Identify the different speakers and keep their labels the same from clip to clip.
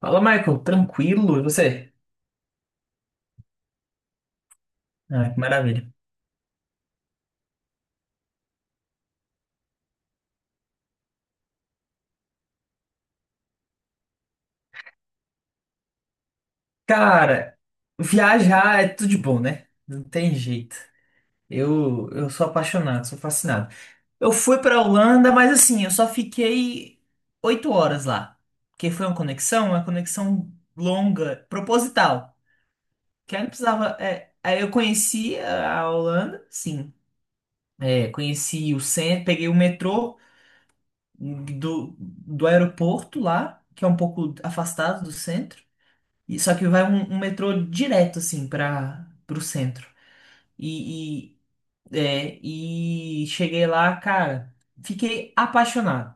Speaker 1: Fala, Michael, tranquilo? E você? Ah, que maravilha. Cara, viajar é tudo de bom, né? Não tem jeito. Eu sou apaixonado, sou fascinado. Eu fui pra Holanda, mas assim, eu só fiquei 8 horas lá. Porque foi uma conexão longa, proposital. Que aí não precisava. Aí eu conheci a Holanda, sim. É, conheci o centro, peguei o metrô do aeroporto lá, que é um pouco afastado do centro. Só que vai um metrô direto, assim, para o centro. E, e, e cheguei lá, cara, fiquei apaixonado.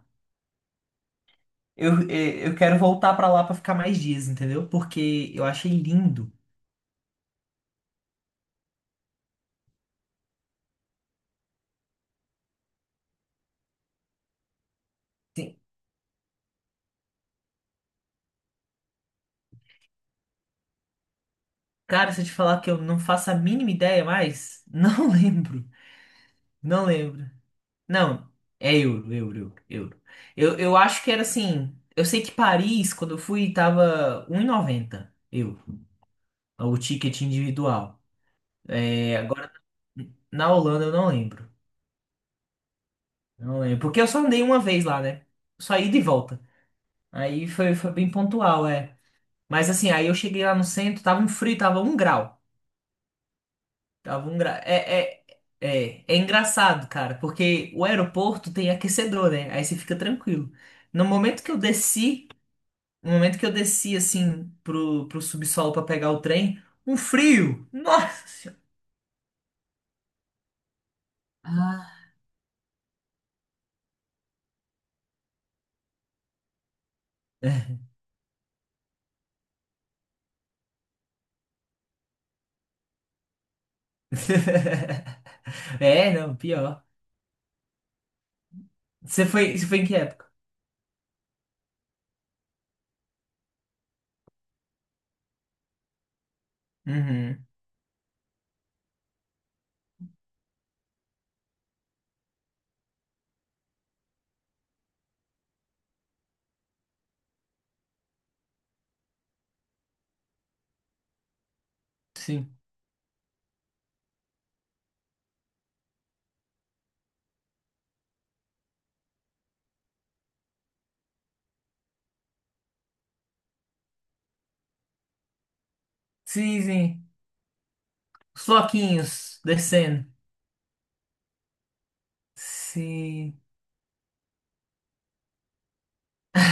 Speaker 1: Eu quero voltar pra lá pra ficar mais dias, entendeu? Porque eu achei lindo. Tem- Cara, se eu te falar que eu não faço a mínima ideia mais, não lembro. Não lembro. Não, é euro, euro, euro. Euro. Eu acho que era assim. Eu sei que Paris, quando eu fui, tava 1,90 euro, o ticket individual. É, agora, na Holanda eu não lembro. Não lembro. Porque eu só andei uma vez lá, né? Só ida e volta. Aí foi bem pontual, é. Mas assim, aí eu cheguei lá no centro, tava um frio, tava 1 grau. Tava um grau. É engraçado, cara, porque o aeroporto tem aquecedor, né? Aí você fica tranquilo. No momento que eu desci, no momento que eu desci, assim, pro subsolo pra pegar o trem, um frio! Nossa! Senhora! Ah, é, não, pior. Você foi em que época? Uhum. Sim. Sim, sim. Os floquinhos descendo. Sim.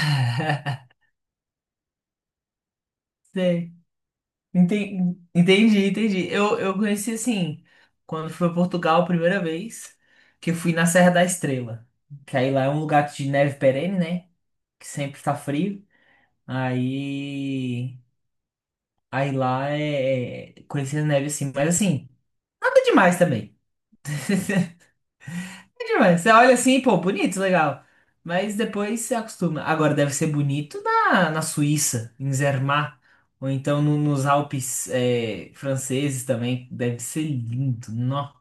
Speaker 1: Sei. Entendi, entendi. Eu conheci assim, quando fui a Portugal a primeira vez, que eu fui na Serra da Estrela. Que aí lá é um lugar de neve perene, né? Que sempre tá frio. Aí. Aí lá é. Conheci a neve assim, mas assim, nada demais também. Demais. Você olha assim, pô, bonito, legal. Mas depois você acostuma. Agora deve ser bonito na Suíça, em Zermatt, ou então nos Alpes é, franceses também. Deve ser lindo. Nó.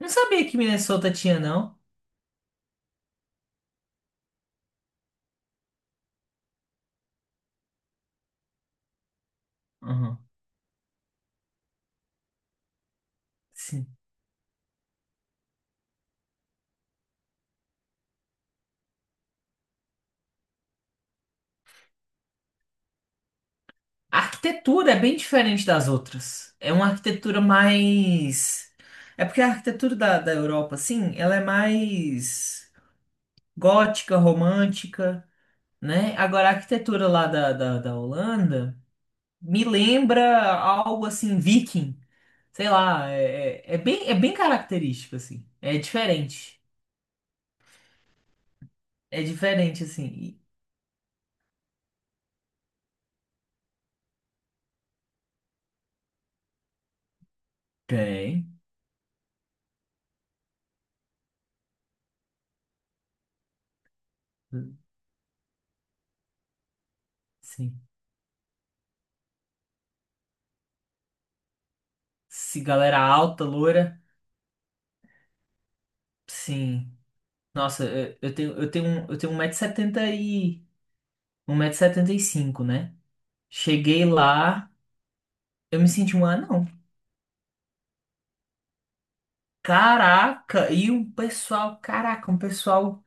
Speaker 1: Não sabia que Minnesota tinha, não. Uhum. Sim. A arquitetura é bem diferente das outras. É uma arquitetura mais. É porque a arquitetura da Europa, assim, ela é mais gótica, romântica, né? Agora, a arquitetura lá da Holanda. Me lembra algo assim, viking. Sei lá, é bem característico, assim. É diferente. É diferente, assim. Tem. Sim. Se galera alta, loira. Sim. Nossa, eu tenho 1,70 m e 1,75 m, né? Cheguei lá, eu me senti um anão. Caraca, e um pessoal, caraca, um pessoal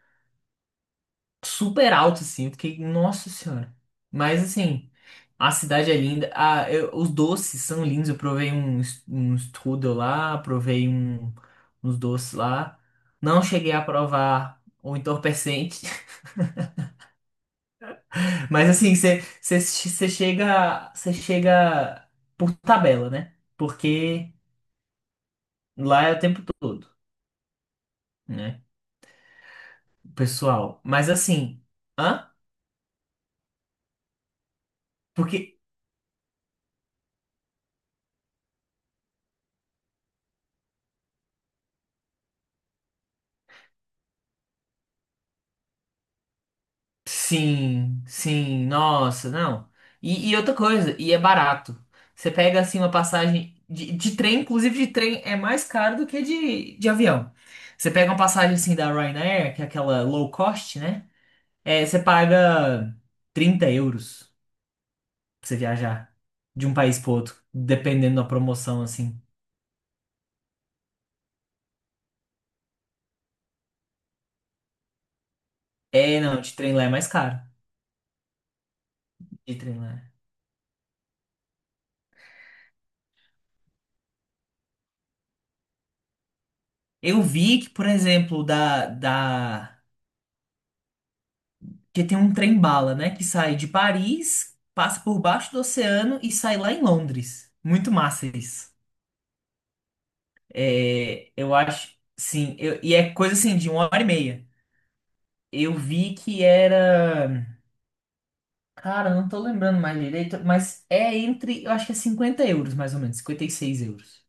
Speaker 1: super alto, assim. Eu fiquei, nossa senhora. Mas, assim, a cidade é linda. Ah, os doces são lindos. Eu provei um, um strudel lá, provei um, uns doces lá. Não cheguei a provar o entorpecente. Mas, assim, você chega por tabela, né? Porque lá é o tempo todo, né? O pessoal. Mas, assim, hã? Porque. Sim, sim, nossa, não. E outra coisa, e é barato. Você pega assim uma passagem de trem, inclusive de trem é mais caro do que de avião. Você pega uma passagem assim da Ryanair, que é aquela low cost, né? É, você paga 30 euros pra você viajar de um país pro outro, dependendo da promoção, assim. É, não, de trem lá é mais caro. De trem lá. É. Eu vi que, por exemplo, da que tem um trem-bala, né? Que sai de Paris, passa por baixo do oceano e sai lá em Londres. Muito massa isso. É, eu acho, sim. E é coisa assim, de uma hora e meia. Eu vi que era. Cara, eu não tô lembrando mais direito, mas é entre. Eu acho que é 50 euros, mais ou menos. 56 euros.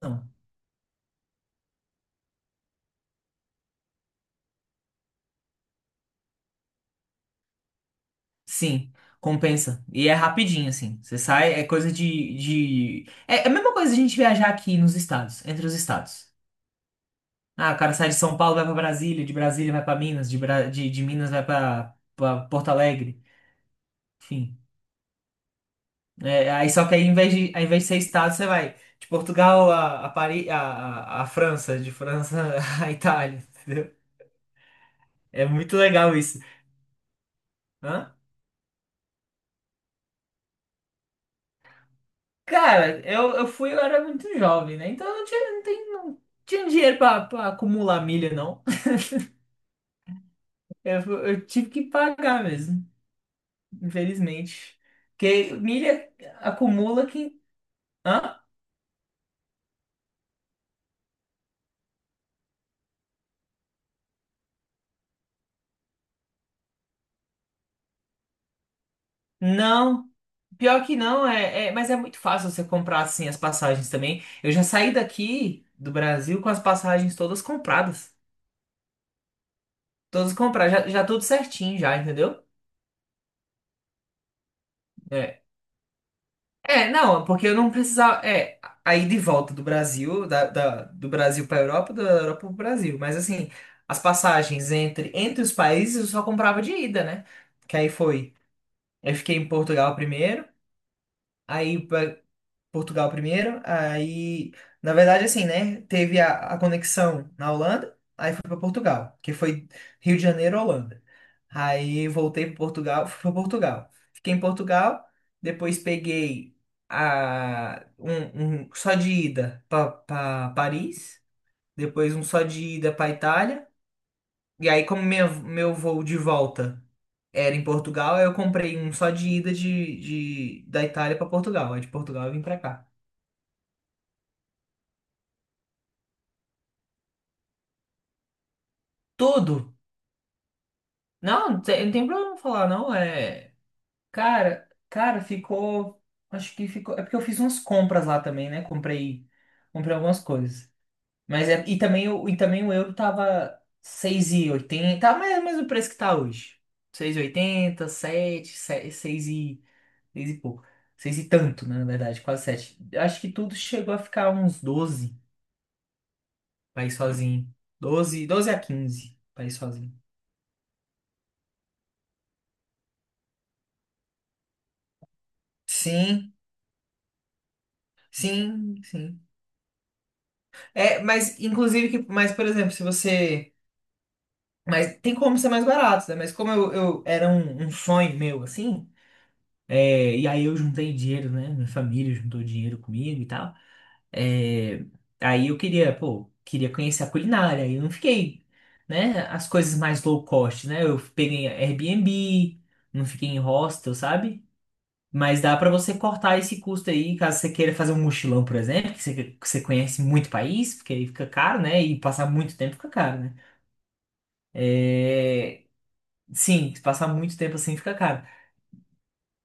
Speaker 1: Não. Sim, compensa. E é rapidinho, assim. Você sai, é coisa. De, de... É é a mesma coisa a gente viajar aqui nos estados, entre os estados. Ah, o cara sai de São Paulo, vai pra Brasília, de Brasília vai pra Minas, de Minas vai pra Porto Alegre, enfim. É, aí só que aí, em vez de, ao invés de ser estado, você vai de Portugal a Paris, a França, de França a Itália, entendeu? É muito legal isso. Hã? Cara, eu era muito jovem, né? Então eu não tinha dinheiro pra acumular milha, não. Eu tive que pagar mesmo, infelizmente. Porque milha acumula que. Hã? Não, pior que não, mas é muito fácil você comprar assim as passagens também. Eu já saí daqui do Brasil com as passagens todas compradas. Todas compradas, já tudo certinho já, entendeu? É. É, não, porque eu não precisava. É, aí de volta do Brasil, do Brasil para Europa, da Europa para o Brasil. Mas assim, as passagens entre os países eu só comprava de ida, né? Que aí foi. Eu fiquei em Portugal primeiro, aí aí, na verdade, assim, né? Teve a conexão na Holanda, aí fui para Portugal, que foi Rio de Janeiro, Holanda. Aí voltei para Portugal, fui para Portugal. Fiquei em Portugal, depois peguei um só de ida para Paris, depois um só de ida para Itália, e aí, como meu voo de volta era em Portugal, aí eu comprei um só de ida da Itália para Portugal, aí de Portugal eu vim para cá. Tudo. Não, não tem problema falar, não. É. Cara, cara, ficou. Acho que ficou. É porque eu fiz umas compras lá também, né? Comprei, comprei algumas coisas. Mas é. E também, e também o euro tava 6,80. Tá mais ou menos o preço que tá hoje. Seis e oitenta sete seis e, 6 e pouco. Seis e tanto, né, na verdade, quase sete. Acho que tudo chegou a ficar uns 12 pra ir sozinho. Doze a 15 pra ir sozinho. Sim, sim, sim. É, mas inclusive que, mas por exemplo, se você, mas tem como ser mais barato, né? Mas como eu era um sonho meu assim, é, e aí eu juntei dinheiro, né? Minha família juntou dinheiro comigo e tal. É, aí eu queria, pô, queria conhecer a culinária. E eu não fiquei, né? As coisas mais low cost, né? Eu peguei Airbnb, não fiquei em hostel, sabe? Mas dá para você cortar esse custo aí, caso você queira fazer um mochilão, por exemplo, que você conhece muito país, porque aí fica caro, né? E passar muito tempo fica caro, né? É, sim, se passar muito tempo assim fica caro.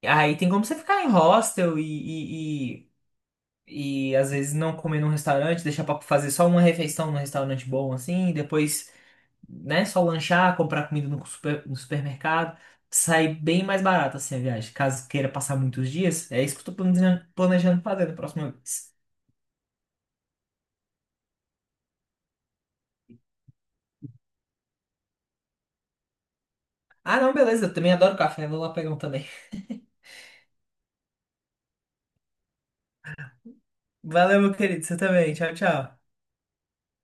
Speaker 1: Aí tem como você ficar em hostel e, às vezes não comer num restaurante, deixar para fazer só uma refeição num restaurante bom assim, e depois, né, só lanchar, comprar comida no supermercado. Sai bem mais barato assim a viagem. Caso queira passar muitos dias, é isso que eu tô planejando, fazer na próxima vez. Ah, não, beleza. Eu também adoro café. Vou lá pegar um também. Valeu, meu querido. Você também. Tchau, tchau.